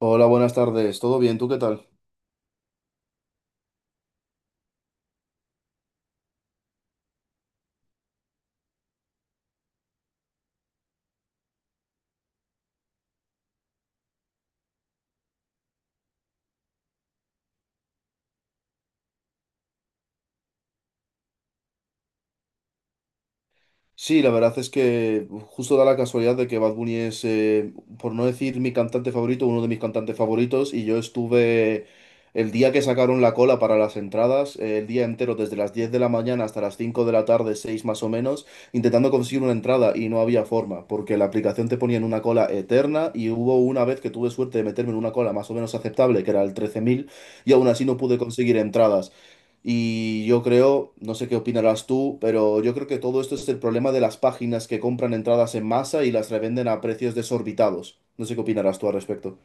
Hola, buenas tardes. ¿Todo bien? ¿Tú qué tal? Sí, la verdad es que justo da la casualidad de que Bad Bunny es, por no decir mi cantante favorito, uno de mis cantantes favoritos. Y yo estuve el día que sacaron la cola para las entradas, el día entero, desde las 10 de la mañana hasta las 5 de la tarde, 6 más o menos, intentando conseguir una entrada y no había forma, porque la aplicación te ponía en una cola eterna. Y hubo una vez que tuve suerte de meterme en una cola más o menos aceptable, que era el 13.000 y aún así no pude conseguir entradas. Y yo creo, no sé qué opinarás tú, pero yo creo que todo esto es el problema de las páginas que compran entradas en masa y las revenden a precios desorbitados. No sé qué opinarás tú al respecto.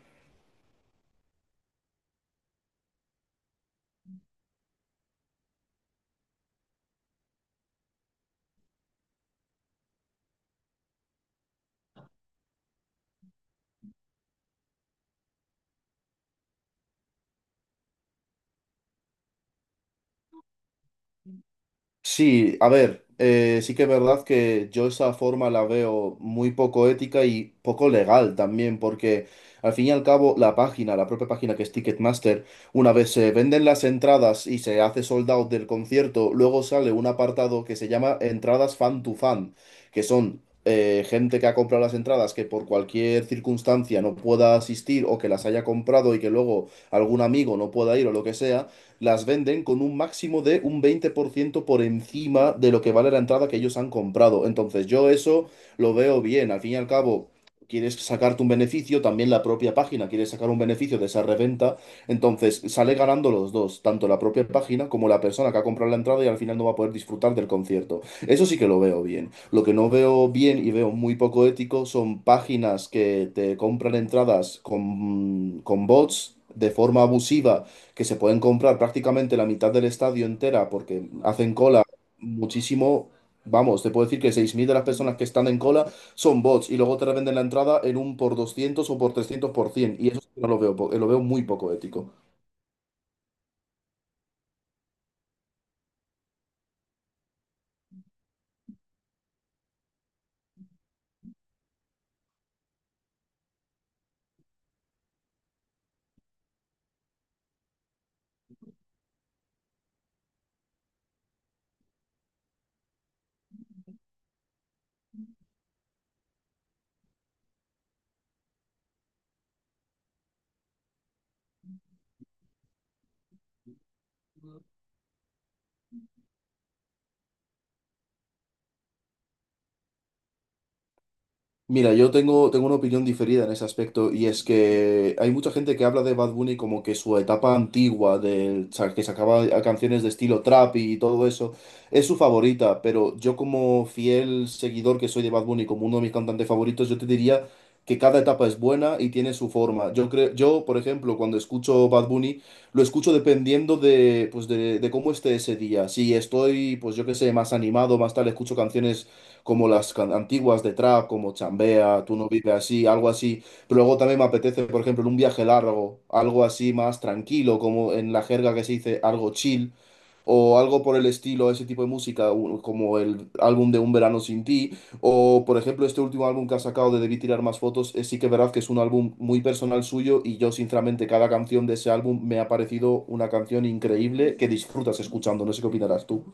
Sí, a ver, sí que es verdad que yo esa forma la veo muy poco ética y poco legal también, porque al fin y al cabo la página, la propia página que es Ticketmaster, una vez se venden las entradas y se hace sold out del concierto, luego sale un apartado que se llama entradas fan to fan, que son gente que ha comprado las entradas que por cualquier circunstancia no pueda asistir o que las haya comprado y que luego algún amigo no pueda ir o lo que sea las venden con un máximo de un 20% por encima de lo que vale la entrada que ellos han comprado. Entonces yo eso lo veo bien. Al fin y al cabo, quieres sacarte un beneficio, también la propia página quiere sacar un beneficio de esa reventa. Entonces sale ganando los dos, tanto la propia página como la persona que ha comprado la entrada y al final no va a poder disfrutar del concierto. Eso sí que lo veo bien. Lo que no veo bien y veo muy poco ético son páginas que te compran entradas con, bots de forma abusiva que se pueden comprar prácticamente la mitad del estadio entera porque hacen cola muchísimo. Vamos, te puedo decir que 6.000 de las personas que están en cola son bots y luego te revenden la entrada en un por 200 o por 300 por 100. Y eso sí que no lo veo, lo veo muy poco ético. Mira, yo tengo, tengo una opinión diferida en ese aspecto y es que hay mucha gente que habla de Bad Bunny como que su etapa antigua, que sacaba a canciones de estilo trap y todo eso, es su favorita, pero yo como fiel seguidor que soy de Bad Bunny, como uno de mis cantantes favoritos, yo te diría que cada etapa es buena y tiene su forma. Yo creo, yo, por ejemplo, cuando escucho Bad Bunny, lo escucho dependiendo de, pues de cómo esté ese día. Si estoy, pues yo qué sé, más animado, más tal, escucho canciones como las antiguas de trap, como Chambea, Tú no vives así, algo así. Pero luego también me apetece, por ejemplo, en un viaje largo, algo así más tranquilo, como en la jerga que se dice algo chill, o algo por el estilo, ese tipo de música, como el álbum de Un Verano Sin Ti, o por ejemplo este último álbum que ha sacado de Debí Tirar Más Fotos, sí que es verdad que es un álbum muy personal suyo y yo sinceramente cada canción de ese álbum me ha parecido una canción increíble que disfrutas escuchando, no sé qué opinarás tú.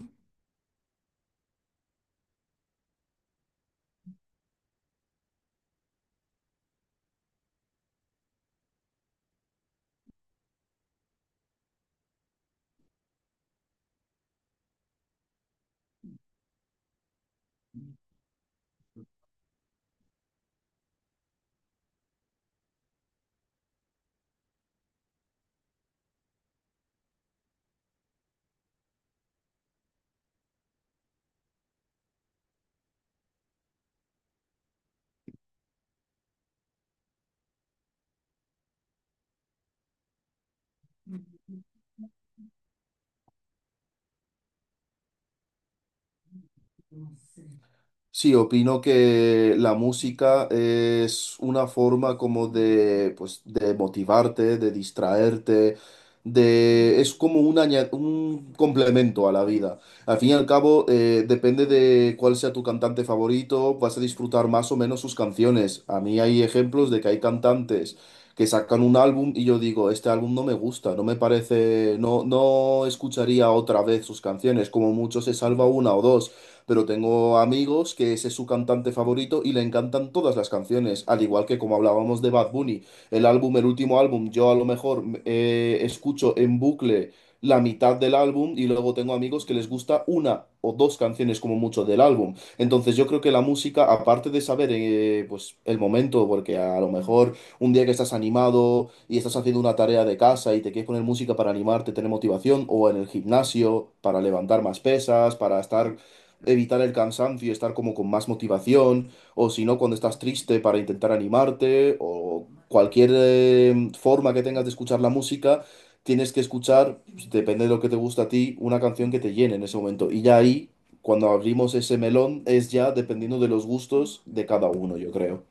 Sí, opino que la música es una forma como de, pues, de motivarte, de distraerte, es como un complemento a la vida. Al fin y al cabo, depende de cuál sea tu cantante favorito, vas a disfrutar más o menos sus canciones. A mí hay ejemplos de que hay cantantes que sacan un álbum y yo digo, este álbum no me gusta, no me parece, no, no escucharía otra vez sus canciones, como mucho se salva una o dos pero tengo amigos que ese es su cantante favorito y le encantan todas las canciones, al igual que como hablábamos de Bad Bunny, el álbum, el último álbum, yo a lo mejor escucho en bucle la mitad del álbum y luego tengo amigos que les gusta una o dos canciones como mucho del álbum. Entonces yo creo que la música, aparte de saber pues el momento, porque a lo mejor un día que estás animado y estás haciendo una tarea de casa y te quieres poner música para animarte, tener motivación, o en el gimnasio para levantar más pesas, para estar evitar el cansancio y estar como con más motivación, o si no, cuando estás triste para intentar animarte, o cualquier forma que tengas de escuchar la música, tienes que escuchar, pues, depende de lo que te gusta a ti, una canción que te llene en ese momento. Y ya ahí, cuando abrimos ese melón, es ya dependiendo de los gustos de cada uno, yo creo.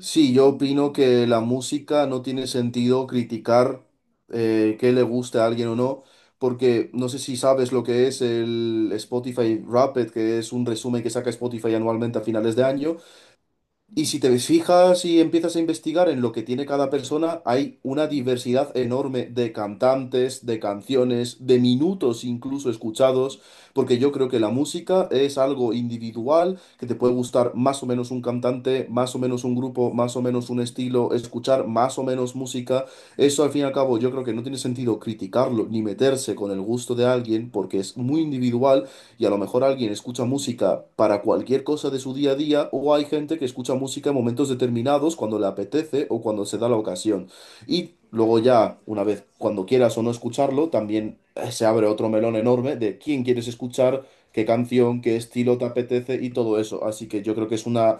Sí, yo opino que la música no tiene sentido criticar qué le gusta a alguien o no, porque no sé si sabes lo que es el Spotify Wrapped, que es un resumen que saca Spotify anualmente a finales de año, y si te fijas y empiezas a investigar en lo que tiene cada persona, hay una diversidad enorme de cantantes, de canciones, de minutos incluso escuchados, porque yo creo que la música es algo individual, que te puede gustar más o menos un cantante, más o menos un grupo, más o menos un estilo, escuchar más o menos música. Eso al fin y al cabo yo creo que no tiene sentido criticarlo ni meterse con el gusto de alguien, porque es muy individual y a lo mejor alguien escucha música para cualquier cosa de su día a día o hay gente que escucha música en momentos determinados cuando le apetece o cuando se da la ocasión. Y luego ya, una vez, cuando quieras o no escucharlo, también se abre otro melón enorme de quién quieres escuchar, qué canción, qué estilo te apetece y todo eso. Así que yo creo que es una...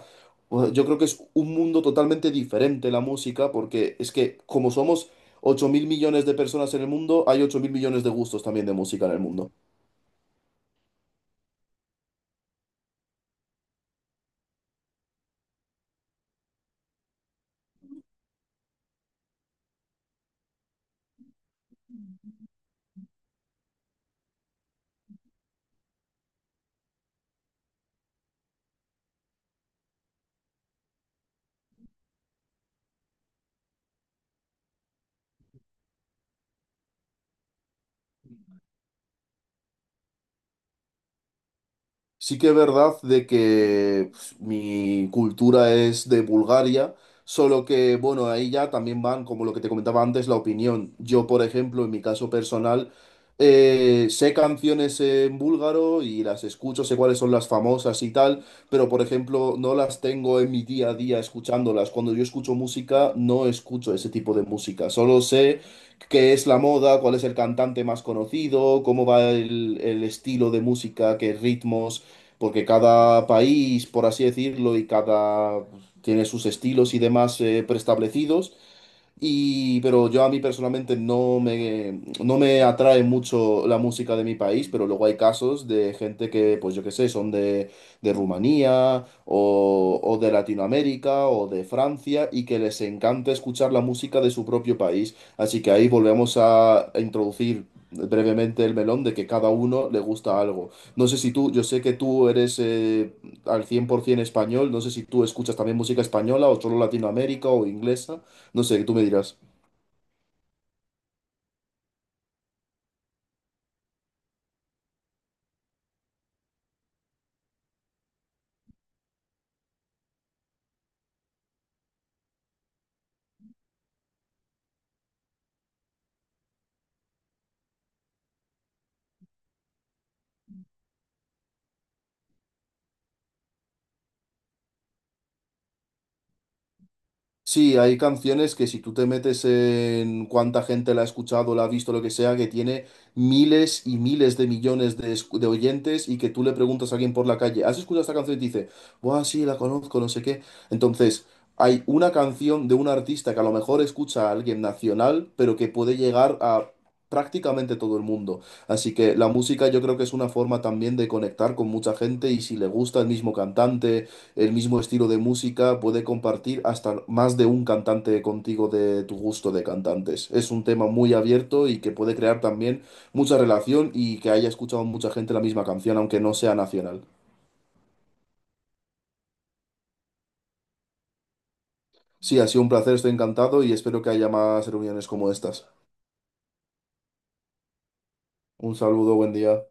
Yo creo que es un mundo totalmente diferente la música porque es que como somos 8.000 millones de personas en el mundo, hay 8.000 millones de gustos también de música en el mundo. Sí que es verdad de que pues, mi cultura es de Bulgaria, solo que, bueno, ahí ya también van, como lo que te comentaba antes, la opinión. Yo, por ejemplo, en mi caso personal, sé canciones en búlgaro y las escucho, sé cuáles son las famosas y tal, pero, por ejemplo, no las tengo en mi día a día escuchándolas. Cuando yo escucho música, no escucho ese tipo de música, solo sé qué es la moda, cuál es el cantante más conocido, cómo va el estilo de música, qué ritmos porque cada país, por así decirlo, y cada pues, tiene sus estilos y demás preestablecidos. Y, pero yo a mí personalmente no me atrae mucho la música de mi país, pero luego hay casos de gente que, pues yo qué sé, son de, Rumanía o de Latinoamérica o de Francia y que les encanta escuchar la música de su propio país. Así que ahí volvemos a introducir brevemente el melón de que cada uno le gusta algo. No sé si tú, yo sé que tú eres al 100% español, no sé si tú escuchas también música española o solo Latinoamérica o inglesa. No sé, tú me dirás. Sí, hay canciones que si tú te metes en cuánta gente la ha escuchado, la ha visto, lo que sea, que tiene miles y miles de millones de, de oyentes y que tú le preguntas a alguien por la calle, ¿has escuchado esta canción? Y te dice, Buah, sí, la conozco, no sé qué. Entonces, hay una canción de un artista que a lo mejor escucha a alguien nacional, pero que puede llegar a prácticamente todo el mundo. Así que la música yo creo que es una forma también de conectar con mucha gente y si le gusta el mismo cantante. El mismo estilo de música, puede compartir hasta más de un cantante contigo de tu gusto de cantantes. Es un tema muy abierto y que puede crear también mucha relación y que haya escuchado mucha gente la misma canción, aunque no sea nacional. Sí, ha sido un placer, estoy encantado y espero que haya más reuniones como estas. Un saludo, buen día.